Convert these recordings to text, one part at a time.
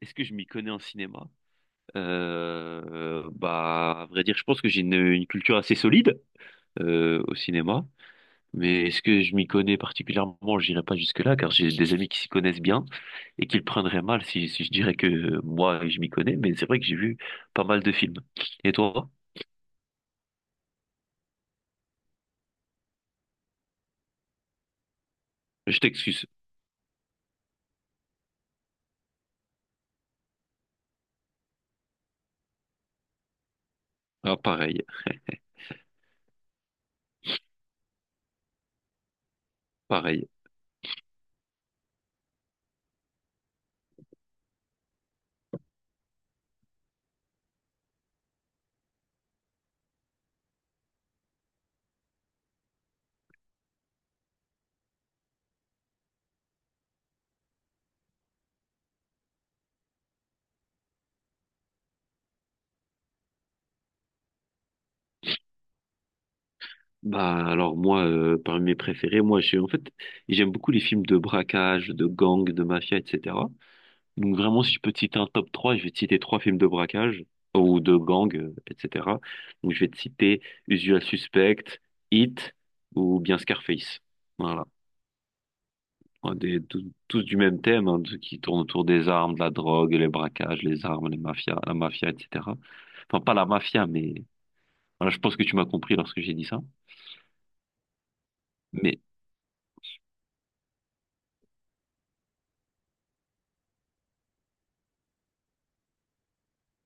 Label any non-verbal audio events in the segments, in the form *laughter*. Est-ce que je m'y connais en cinéma? Bah, à vrai dire, je pense que j'ai une culture assez solide au cinéma. Mais est-ce que je m'y connais particulièrement? J'irai pas jusque-là, car j'ai des amis qui s'y connaissent bien et qui le prendraient mal si je dirais que moi, je m'y connais. Mais c'est vrai que j'ai vu pas mal de films. Et toi? Je t'excuse. Ah, pareil, pareil. Bah, alors moi, parmi mes préférés, moi, en fait, j'aime beaucoup les films de braquage, de gang, de mafia, etc. Donc vraiment, si je peux te citer un top trois, je vais te citer trois films de braquage ou de gang, etc. Donc je vais te citer Usual Suspect, Hit ou bien Scarface. Voilà. Ouais, tous du même thème, hein, qui tourne autour des armes, de la drogue, les braquages, les armes, les mafias, la mafia, etc. Enfin, pas la mafia, mais voilà, je pense que tu m'as compris lorsque j'ai dit ça. Mais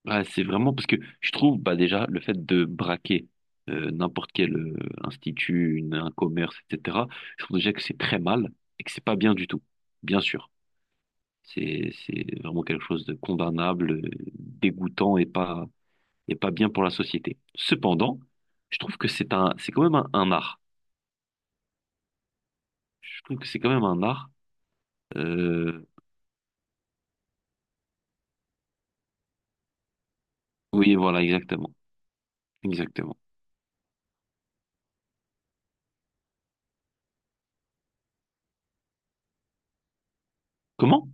Ouais, c'est vraiment parce que je trouve, bah, déjà le fait de braquer n'importe quel institut, un commerce, etc. Je trouve déjà que c'est très mal et que c'est pas bien du tout. Bien sûr, c'est vraiment quelque chose de condamnable, dégoûtant et pas bien pour la société. Cependant, je trouve que c'est quand même un art. Je trouve que c'est quand même un art. Euh, oui, voilà, exactement, exactement. Comment?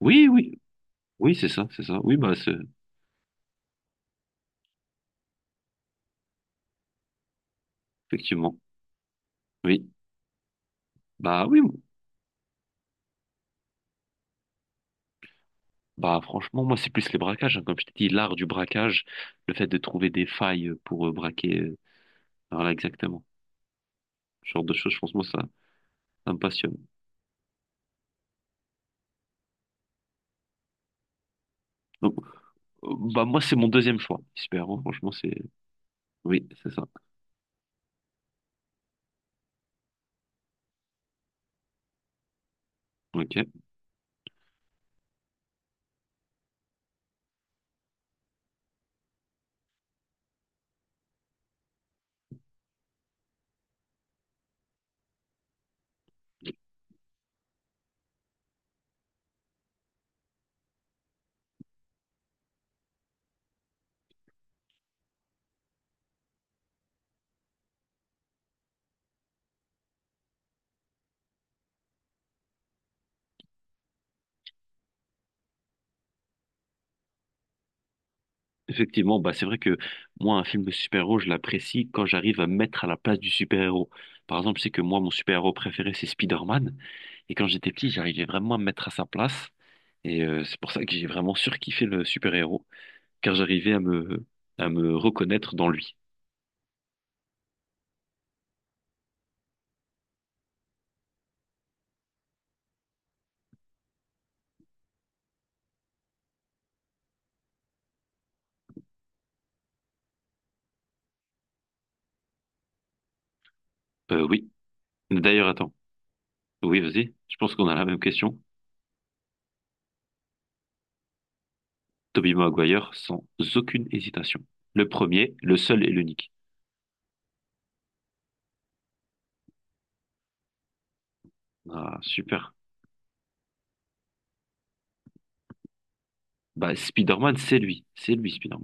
Oui, oui, oui, c'est ça, c'est ça. Oui, bah, effectivement. Oui, bah oui. Bah, franchement, moi c'est plus les braquages, hein. Comme je t'ai dit, l'art du braquage, le fait de trouver des failles pour braquer, voilà exactement. Ce genre de choses, je pense, moi ça, ça me passionne. Donc bah, moi c'est mon deuxième choix. Super, hein. Franchement, c'est oui, c'est ça. Ok. Effectivement, bah c'est vrai que moi, un film de super-héros, je l'apprécie quand j'arrive à me mettre à la place du super-héros. Par exemple, je sais que moi, mon super-héros préféré, c'est Spider-Man. Et quand j'étais petit, j'arrivais vraiment à me mettre à sa place. Et c'est pour ça que j'ai vraiment surkiffé le super-héros, car j'arrivais à me reconnaître dans lui. Oui. D'ailleurs, attends. Oui, vas-y. Je pense qu'on a la même question. Tobey Maguire, sans aucune hésitation. Le premier, le seul et l'unique. Ah, super. Bah, Spider-Man, c'est lui. C'est lui, spider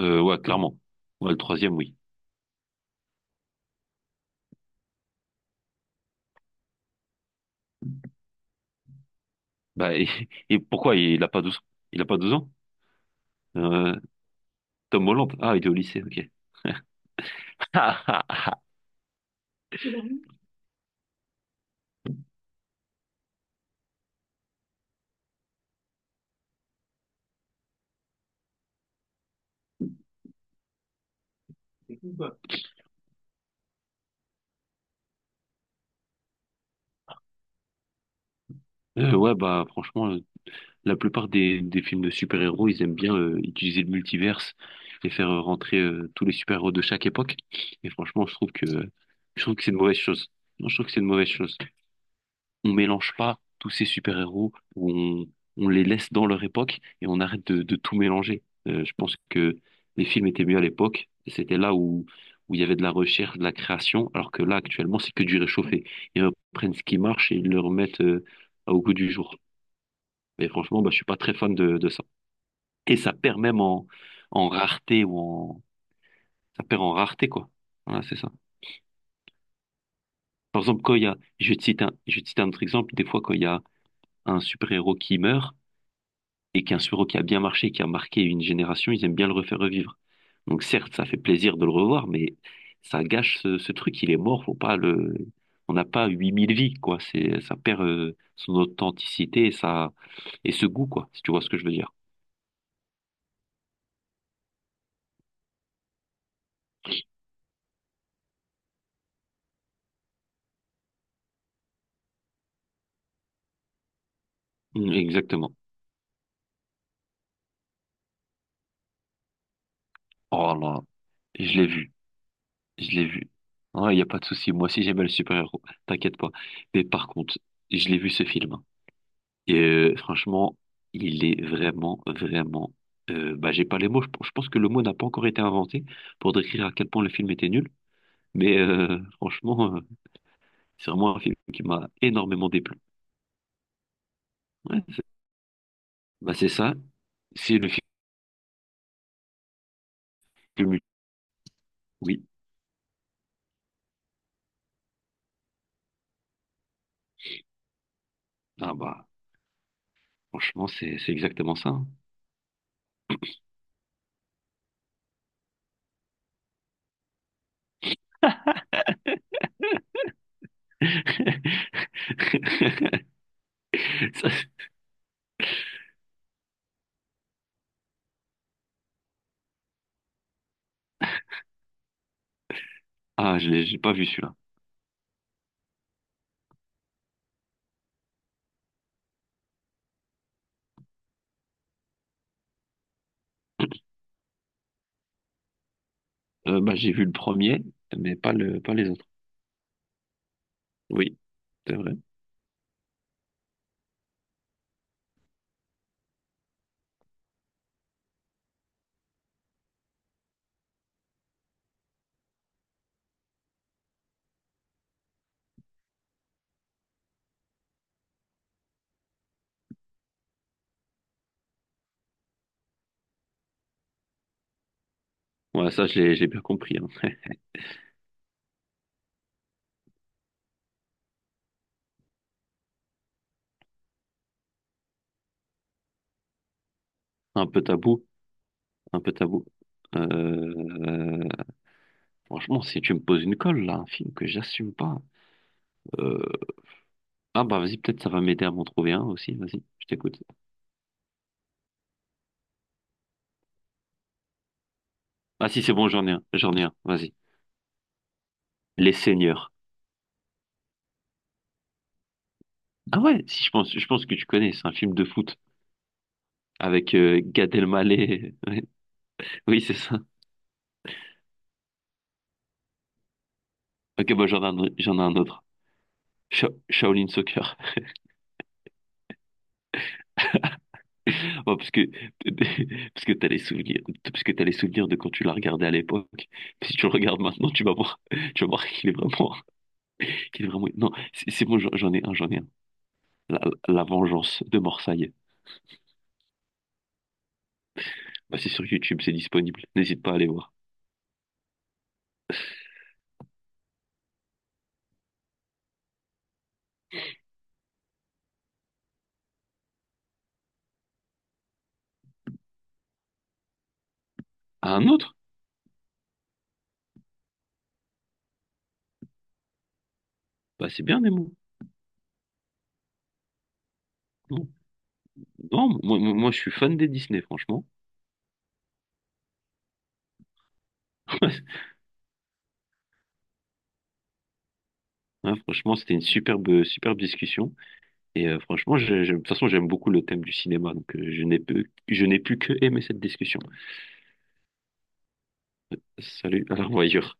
Ouais, clairement. Ouais, le troisième, oui. Bah, *laughs* et pourquoi il a pas douze ans? Euh, Tom Holland. Ah, il est au lycée, ok. *laughs* Ouais, bah, franchement, la plupart des films de super-héros, ils aiment bien utiliser le multiverse et faire rentrer tous les super-héros de chaque époque. Et franchement, je trouve que c'est une mauvaise chose. Non, je trouve que c'est une mauvaise chose. On mélange pas tous ces super-héros, où on les laisse dans leur époque et on arrête de tout mélanger. Je pense que les films étaient mieux à l'époque. Et c'était là où il y avait de la recherche, de la création, alors que là, actuellement, c'est que du réchauffé. Ils reprennent ce qui marche et ils le remettent au goût du jour. Mais franchement, bah, je suis pas très fan de ça. Et ça perd même en rareté Ça perd en rareté, quoi. Voilà, c'est ça. Par exemple, quand il y a... Je vais te citer un, je vais te citer un autre exemple. Des fois, quand il y a un super-héros qui meurt, et qu'un suro qui a bien marché, qui a marqué une génération, ils aiment bien le refaire revivre. Donc certes, ça fait plaisir de le revoir, mais ça gâche ce truc, il est mort, faut pas le... On n'a pas 8 000 vies, quoi. Ça perd son authenticité et ce goût, quoi, si tu vois ce que je veux dire. Mm, exactement. Oh là, je l'ai vu, je l'ai vu. Il n'y a pas de souci, moi aussi j'aimais le super-héros, t'inquiète pas. Mais par contre, je l'ai vu ce film. Et franchement, il est vraiment, vraiment. Bah, j'ai pas les mots. Je pense que le mot n'a pas encore été inventé pour décrire à quel point le film était nul. Mais *laughs* franchement, c'est vraiment un film qui m'a énormément déplu. Ouais, c'est bah, c'est ça. C'est le film. Oui. Ah bah, franchement, c'est exactement ça, hein. *laughs* Ça, c'est- Ah, je l'ai j'ai pas vu celui-là. Bah, j'ai vu le premier, mais pas les autres. Oui, c'est vrai. Ouais, ça, je l'ai j'ai bien compris, hein. *laughs* Un peu tabou. Un peu tabou. Euh, franchement, si tu me poses une colle, là, un film que j'assume pas. euh, Ah bah vas-y, peut-être ça va m'aider à m'en trouver un aussi, vas-y, je t'écoute. Ah si, c'est bon, j'en ai un, vas-y. Les Seigneurs. Ah ouais, si je pense que tu connais, c'est un film de foot avec Gad Elmaleh. *laughs* Ouais, oui, c'est ça. Ok, bah j'en ai un autre. Shaolin Soccer. *laughs* Oh, parce que *laughs* parce que t'as les souvenirs de quand tu l'as regardé à l'époque. Si tu le regardes maintenant, tu vas voir qu'il est vraiment. Non, c'est bon, j'en ai un. La, La vengeance de Morsaï. Bah, c'est sur YouTube, c'est disponible. N'hésite pas à aller voir. Ah, un autre? Bah, c'est bien, Nemo. Non, non, moi, je suis fan des Disney, franchement. *laughs* Hein, franchement, c'était une superbe, superbe discussion. Et franchement, de toute façon, j'aime beaucoup le thème du cinéma. Donc, je n'ai plus que aimer cette discussion. Salut, à la revoyure.